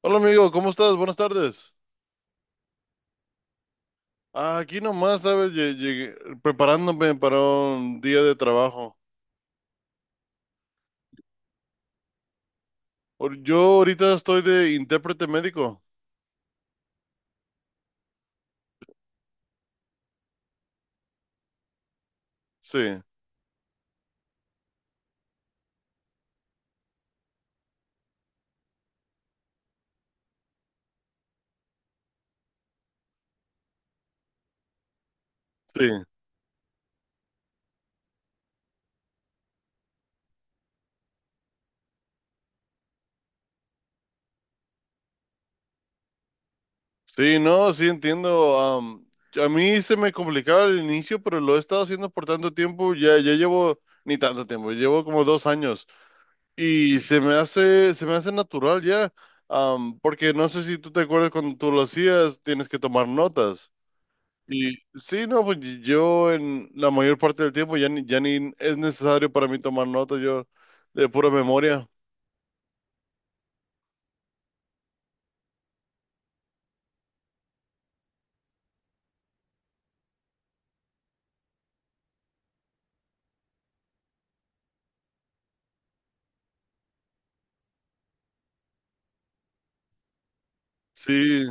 Hola amigo, ¿cómo estás? Buenas tardes. Ah, aquí nomás, ¿sabes? Llegué, preparándome para un día de trabajo. Yo ahorita estoy de intérprete médico. Sí, sí. Sí, no, sí entiendo. A mí se me complicaba al inicio, pero lo he estado haciendo por tanto tiempo. Ni tanto tiempo, llevo como 2 años. Y se me hace natural ya. Porque no sé si tú te acuerdas cuando tú lo hacías, tienes que tomar notas. Y sí, no, pues yo en la mayor parte del tiempo ya ni es necesario para mí tomar nota, yo de pura memoria. Sí,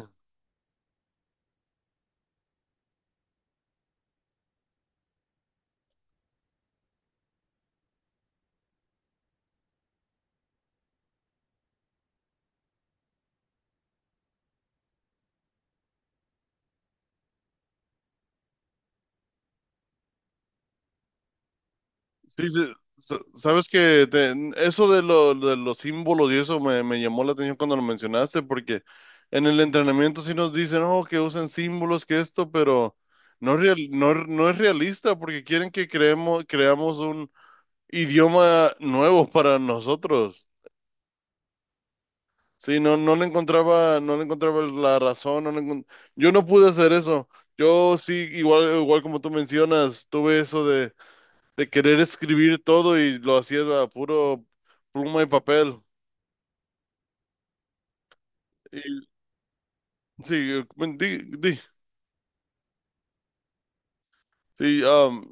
sí, sí, sabes que eso de, de los símbolos y me llamó la atención cuando lo mencionaste, porque en el entrenamiento sí nos dicen, oh, que usen símbolos, que esto, pero no, no es realista porque quieren que creamos un idioma nuevo para nosotros. Sí, no, no le encontraba la razón, yo no pude hacer eso. Yo sí, igual, igual como tú mencionas, tuve de querer escribir todo y lo hacía a puro pluma y papel. Y sí, bueno, sí,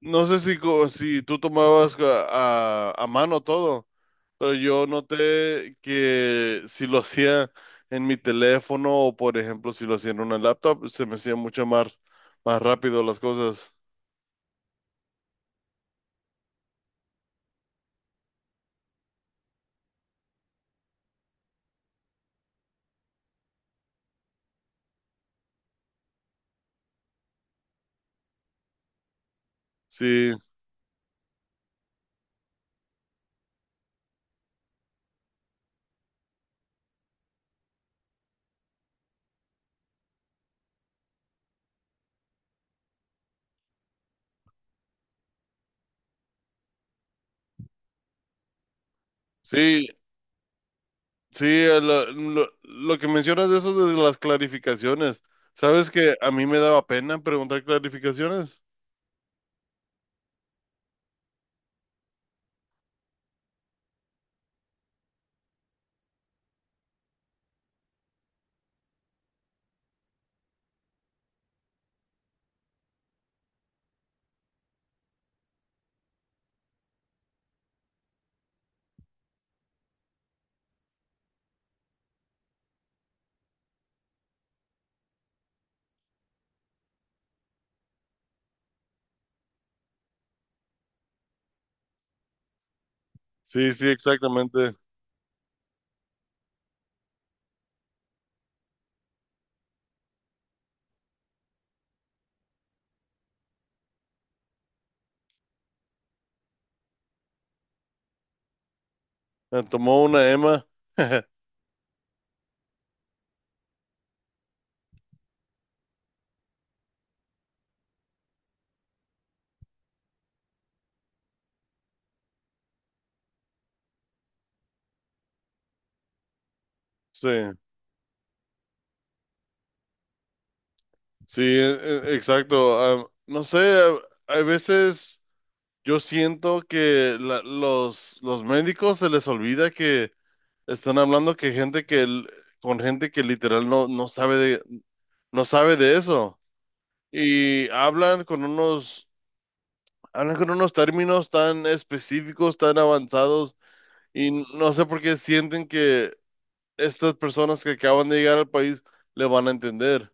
no sé si, si tú tomabas a mano todo, pero yo noté que si lo hacía en mi teléfono o, por ejemplo, si lo hacía en una laptop, se me hacía más rápido las cosas. Sí, sí, sí, lo que mencionas de eso de las clarificaciones. ¿Sabes que a mí me daba pena preguntar clarificaciones? Sí, sí, exactamente. Me tomó una Emma. Sí, sí, exacto. Ah, no sé, a veces yo siento que los médicos se les olvida que están hablando que gente que l- con gente que literal no sabe de, no sabe de eso. Y hablan con unos términos tan específicos, tan avanzados, y no sé por qué sienten que estas personas que acaban de llegar al país le van a entender.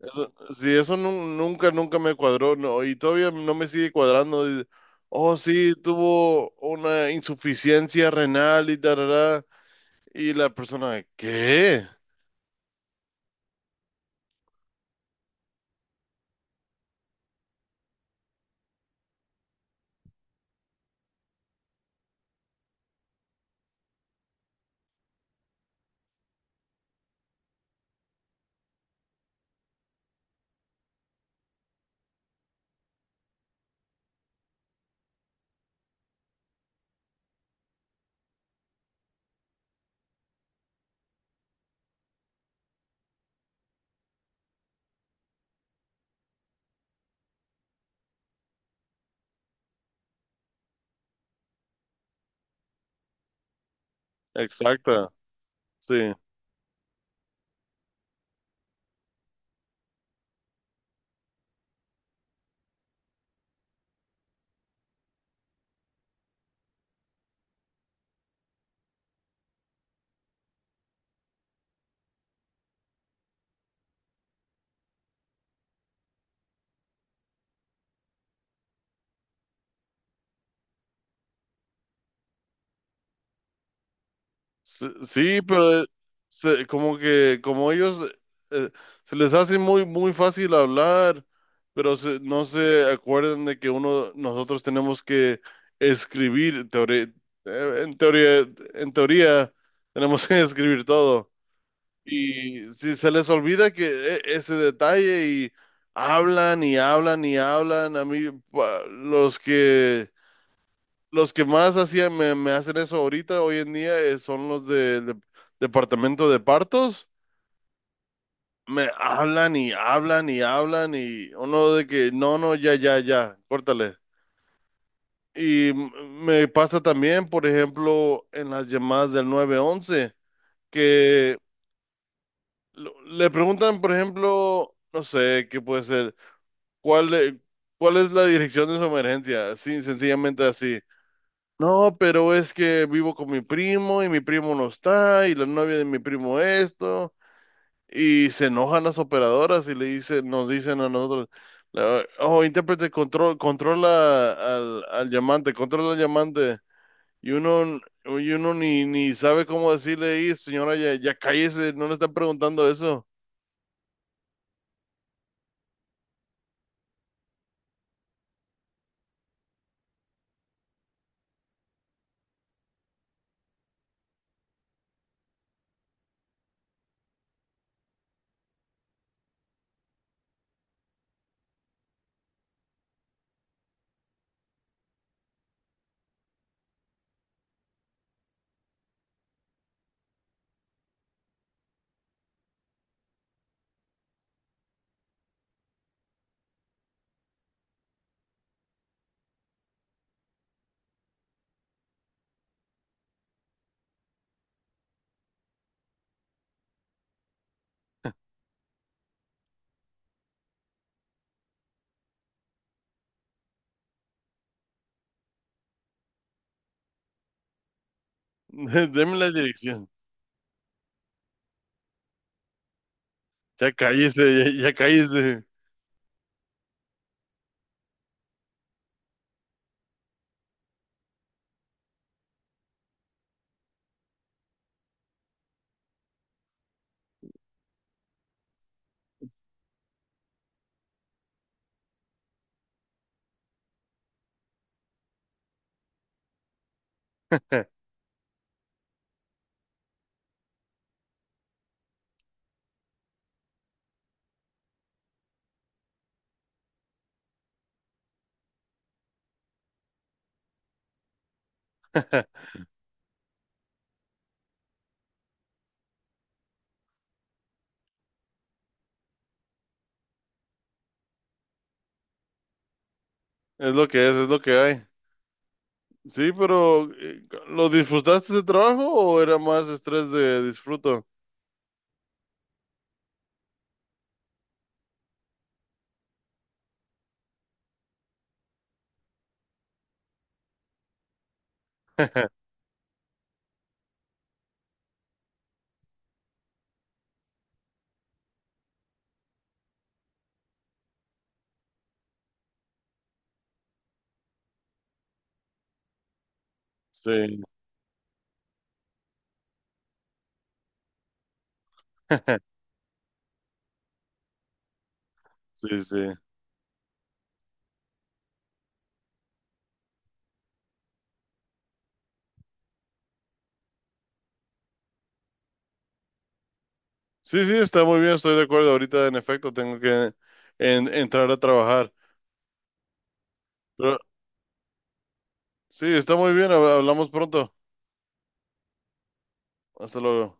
Eso, sí, eso nunca me cuadró, no, y todavía no me sigue cuadrando. Y oh, sí, tuvo una insuficiencia renal y tarará. Y la persona, ¿qué? Exacta, sí. Sí, sí, pero como que como ellos eh, se les hace muy muy fácil hablar, pero no se acuerdan de que uno nosotros tenemos que escribir teore- en teoría, en teoría tenemos que escribir todo. Y si se les olvida ese detalle y hablan y hablan y hablan a mí los que más hacían, me hacen eso ahorita, hoy en día, son los departamento de partos. Me hablan y hablan y hablan y uno de que, no, no, ya, ya, ya, córtale. Y me pasa también, por ejemplo, en las llamadas del 911, que le preguntan, por ejemplo, no sé, qué puede ser, ¿cuál, de- ¿cuál es la dirección de su emergencia? Sí, sencillamente así. No, pero es que vivo con mi primo y mi primo no está y la novia de mi primo esto y se enojan las operadoras y le dicen, nos dicen a nosotros, oh, intérprete, control, controla al, al llamante, controla al llamante y uno, y uno ni, ni sabe cómo decirle, "Ey, señora, ya, ya cállese, no le están preguntando eso, deme la dirección, ya cállese, ya, ya cállese, es lo que hay. Sí, pero ¿lo disfrutaste de trabajo o era más estrés de disfruto? Sí, sí, sí. Sí, sí, está muy bien, estoy de acuerdo. Ahorita, en efecto, tengo que entrar a trabajar. Pero sí, está muy bien, hablamos pronto. Hasta luego.